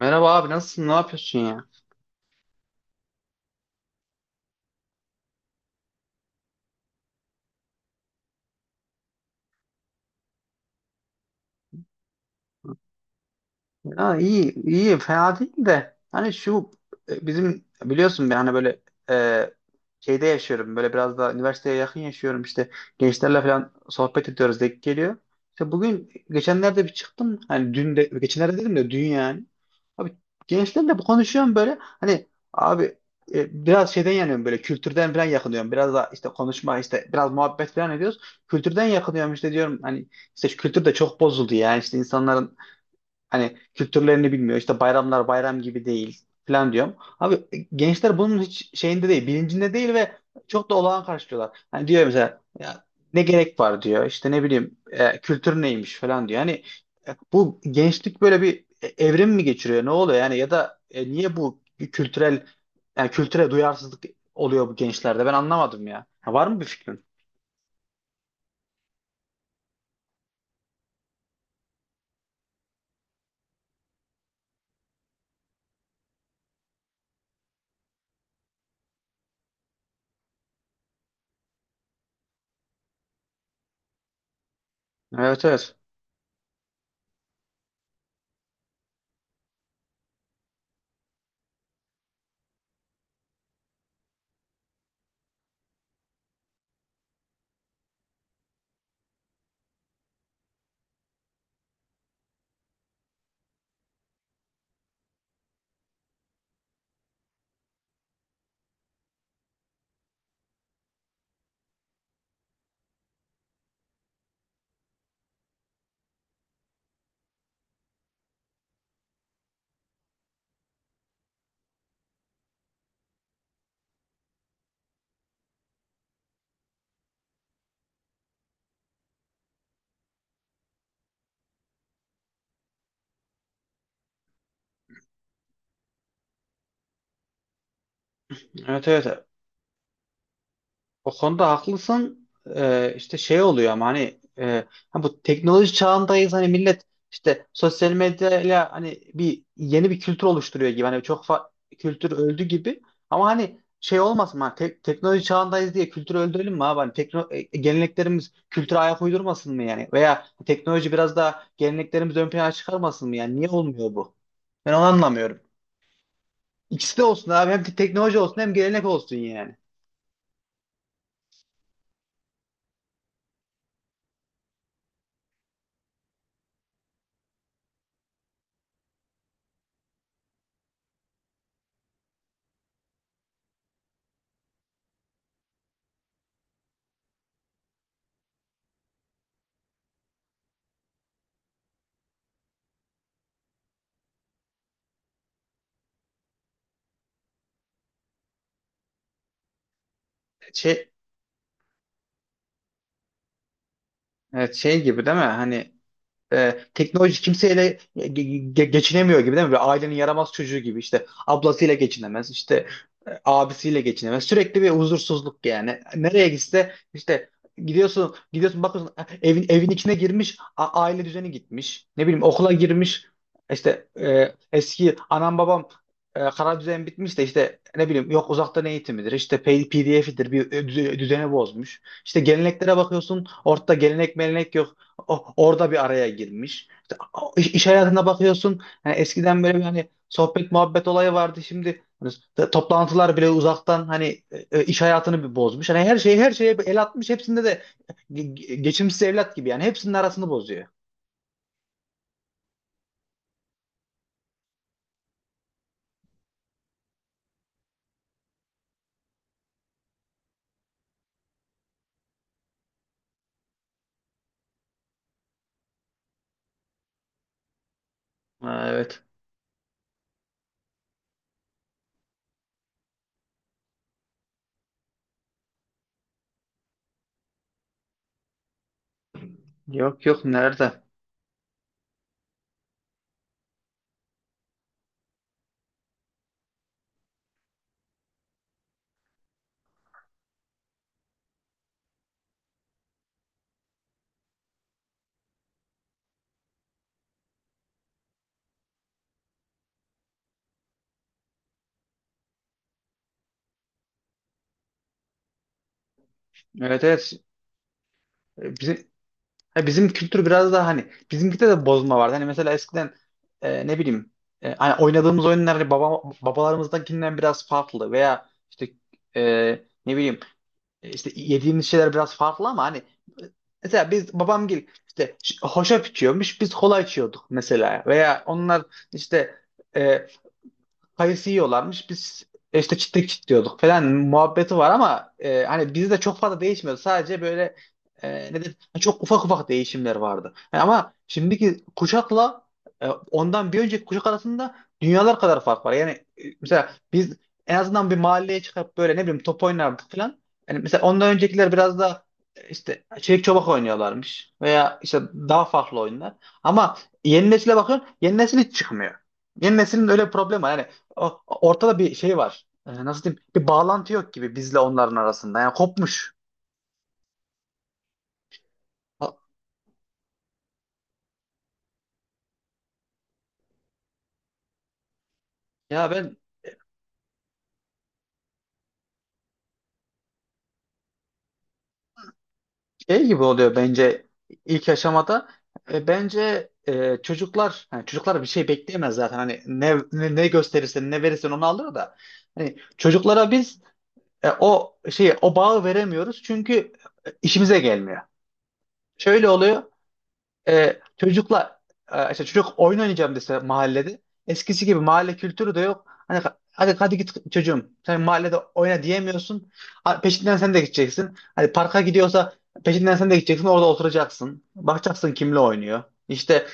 Merhaba abi, nasılsın? Ne yapıyorsun ya? Ya, iyi iyi, fena değil de hani şu bizim biliyorsun, ben hani böyle e, şeyde yaşıyorum, böyle biraz da üniversiteye yakın yaşıyorum işte, gençlerle falan sohbet ediyoruz, denk geliyor. İşte bugün geçenlerde bir çıktım, hani dün de, geçenlerde dedim de dün yani. Abi, gençlerle bu konuşuyorum böyle hani, abi, biraz şeyden yanıyorum böyle, kültürden falan yakınıyorum. Biraz da işte konuşma, işte biraz muhabbet falan ediyoruz. Kültürden yakınıyorum işte diyorum, hani işte şu kültür de çok bozuldu yani, işte insanların hani kültürlerini bilmiyor. İşte bayramlar bayram gibi değil falan diyorum. Abi, gençler bunun hiç şeyinde değil, bilincinde değil ve çok da olağan karşılıyorlar. Hani diyor mesela, ya ne gerek var diyor. İşte ne bileyim, kültür neymiş falan diyor. Hani bu gençlik böyle bir evrim mi geçiriyor? Ne oluyor yani? Ya da niye bu bir kültürel, yani kültüre duyarsızlık oluyor bu gençlerde? Ben anlamadım ya. Ha, var mı bir fikrin? Evet, evet. Evet, evet. O konuda haklısın. İşte şey oluyor ama hani ha bu teknoloji çağındayız, hani millet işte sosyal medyayla hani bir yeni bir kültür oluşturuyor gibi, hani kültür öldü gibi. Ama hani şey olmasın, hani teknoloji çağındayız diye kültürü öldürelim mi abi? Hani geleneklerimiz kültüre ayak uydurmasın mı yani? Veya teknoloji biraz daha geleneklerimizi ön plana çıkarmasın mı yani? Niye olmuyor bu? Ben onu anlamıyorum. İkisi de olsun abi, hem teknoloji olsun hem gelenek olsun yani. Şey, evet, şey gibi değil mi? Hani teknoloji kimseyle geçinemiyor gibi değil mi? Böyle ailenin yaramaz çocuğu gibi, işte ablasıyla geçinemez, işte abisiyle geçinemez. Sürekli bir huzursuzluk yani. Nereye gitse işte gidiyorsun gidiyorsun, bakıyorsun evin evin içine girmiş, aile düzeni gitmiş. Ne bileyim, okula girmiş işte, eski anam babam kara düzen bitmiş de işte ne bileyim, yok uzaktan eğitimidir, işte PDF'idir, bir düzeni bozmuş. İşte geleneklere bakıyorsun, ortada gelenek melenek yok, orada bir araya girmiş. İşte, iş hayatına bakıyorsun. Hani eskiden böyle bir hani sohbet muhabbet olayı vardı. Şimdi hani toplantılar bile uzaktan, hani iş hayatını bir bozmuş. Hani her şeyi her şeye bir el atmış. Hepsinde de geçimsiz evlat gibi yani, hepsinin arasını bozuyor. Ha, evet. Yok yok, nerede? Evet, evet. Bizim Ha, bizim kültür biraz daha hani, bizimkide de bozma vardı. Hani mesela eskiden ne bileyim, hani oynadığımız oyunlar hani babalarımızdakinden biraz farklı, veya işte e, ne bileyim, işte yediğimiz şeyler biraz farklı, ama hani mesela biz babam gibi işte hoşaf içiyormuş, biz kola içiyorduk mesela. Veya onlar işte e, kayısı yiyorlarmış. Biz işte çitlek çitliyorduk falan muhabbeti var, ama hani bizde çok fazla değişmiyordu. Sadece böyle e, ne de, çok ufak ufak değişimler vardı. Yani ama şimdiki kuşakla ondan bir önceki kuşak arasında dünyalar kadar fark var. Yani mesela biz en azından bir mahalleye çıkıp böyle, ne bileyim, top oynardık falan. Yani mesela ondan öncekiler biraz da işte çelik çobak oynuyorlarmış, veya işte daha farklı oyunlar. Ama yeni nesile bakıyorsun, yeni nesil hiç çıkmıyor. Yeni neslin öyle bir problemi var. Yani ortada bir şey var. Nasıl diyeyim? Bir bağlantı yok gibi bizle onların arasında. Yani kopmuş. Ha- Ya, ben şey gibi oluyor bence ilk aşamada. Bence çocuklar, yani çocuklar bir şey bekleyemez zaten. Hani ne gösterirsen, ne verirsen onu alır da. Hani çocuklara biz o şeyi, o bağı veremiyoruz, çünkü işimize gelmiyor. Şöyle oluyor. Çocukla işte çocuk oyun oynayacağım dese, mahallede eskisi gibi mahalle kültürü de yok. Hani hadi hadi git çocuğum, sen mahallede oyna diyemiyorsun. Ha, peşinden sen de gideceksin. Hani parka gidiyorsa peşinden sen de gideceksin, orada oturacaksın. Bakacaksın kimle oynuyor. İşte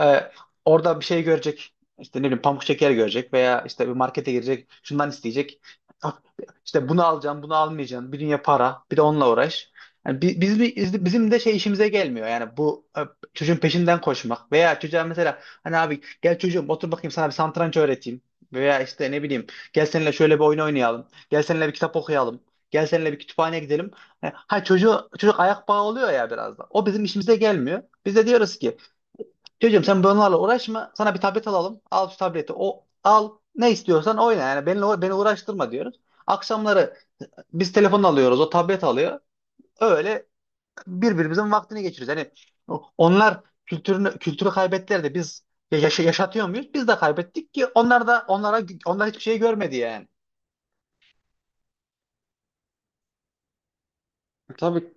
e, orada bir şey görecek. İşte ne bileyim, pamuk şeker görecek, veya işte bir markete girecek şundan isteyecek. Ah, İşte bunu alacağım, bunu almayacağım, bir dünya para, bir de onunla uğraş. Yani bizim de şey işimize gelmiyor. Yani bu çocuğun peşinden koşmak veya çocuğa mesela, hani abi gel çocuğum, otur bakayım sana bir satranç öğreteyim, veya işte ne bileyim, gel seninle şöyle bir oyun oynayalım, gel seninle bir kitap okuyalım, gel seninle bir kütüphaneye gidelim. Ha ha, çocuk ayak bağı oluyor ya, biraz da o bizim işimize gelmiyor. Biz de diyoruz ki, çocuğum sen bunlarla uğraşma, sana bir tablet alalım, al şu tableti, o al ne istiyorsan oyna, yani beni uğraştırma diyoruz. Akşamları biz telefon alıyoruz, o tablet alıyor, öyle birbirimizin vaktini geçiriyoruz. Yani onlar kültürü kaybettiler de biz yaşatıyor muyuz? Biz de kaybettik ki, onlar da, onlar hiçbir şey görmedi yani. Tabii,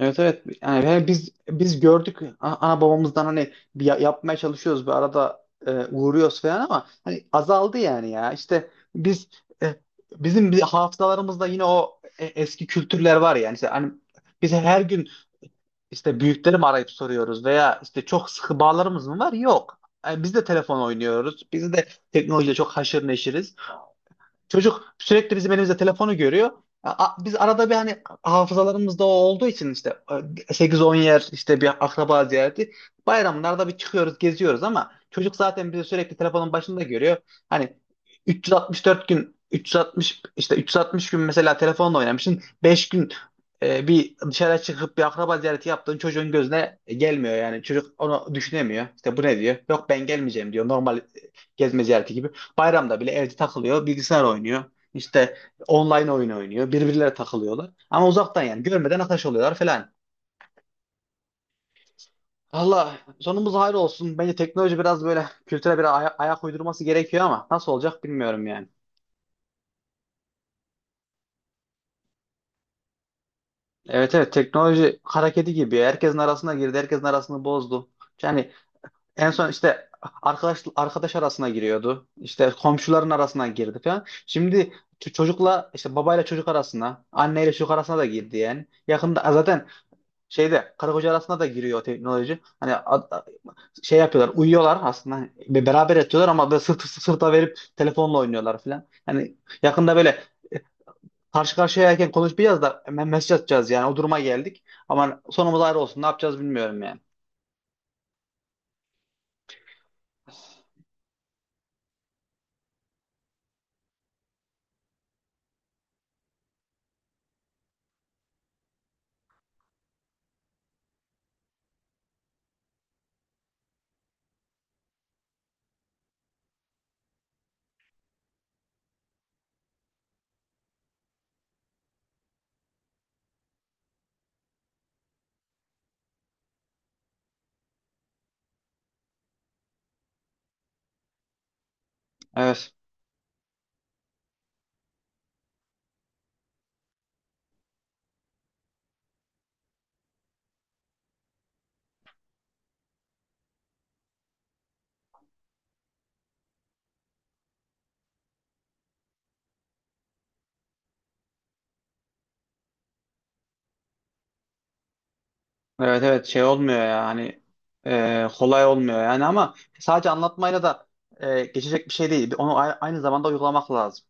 evet evet. Yani biz gördük ana babamızdan, hani bir yapmaya çalışıyoruz bir arada, uğruyoruz falan ama hani azaldı yani ya, işte biz e, bizim bir hafızalarımızda yine o, eski kültürler var yani, işte hani biz her gün İşte büyükleri mi arayıp soruyoruz, veya işte çok sıkı bağlarımız mı var? Yok. Yani biz de telefon oynuyoruz. Biz de teknolojiyle çok haşır neşiriz. Çocuk sürekli bizim elimizde telefonu görüyor. Biz arada bir, hani hafızalarımızda o olduğu için işte, 8-10 yer işte bir akraba ziyareti. Bayramlarda bir çıkıyoruz, geziyoruz, ama çocuk zaten bizi sürekli telefonun başında görüyor. Hani 364 gün 360, işte 360 gün mesela telefonla oynamışsın. 5 gün bir dışarı çıkıp bir akraba ziyareti yaptığın çocuğun gözüne gelmiyor yani. Çocuk onu düşünemiyor. İşte bu ne diyor? Yok, ben gelmeyeceğim diyor. Normal gezme ziyareti gibi. Bayramda bile evde takılıyor, bilgisayar oynuyor. İşte online oyun oynuyor, birbirlere takılıyorlar. Ama uzaktan yani görmeden arkadaş oluyorlar falan. Allah sonumuz hayır olsun. Bence teknoloji biraz böyle kültüre bir ayak uydurması gerekiyor ama nasıl olacak bilmiyorum yani. Evet, evet, teknoloji hareketi gibi. Herkesin arasına girdi, herkesin arasını bozdu. Yani en son işte arkadaş arkadaş arasına giriyordu. İşte komşuların arasına girdi falan. Şimdi çocukla işte babayla çocuk arasına, anneyle çocuk arasına da girdi yani. Yakında zaten şeyde karı koca arasında da giriyor o teknoloji. Hani şey yapıyorlar, uyuyorlar aslında. Hani beraber yatıyorlar ama böyle sırt sırta verip telefonla oynuyorlar falan. Hani yakında böyle karşı karşıyayken konuşmayacağız da hemen mesaj atacağız, yani o duruma geldik. Ama sonumuz ayrı olsun, ne yapacağız bilmiyorum yani. Evet, evet, evet, şey olmuyor ya hani, kolay olmuyor yani ama sadece anlatmayla da geçecek bir şey değil. Onu aynı zamanda uygulamak lazım.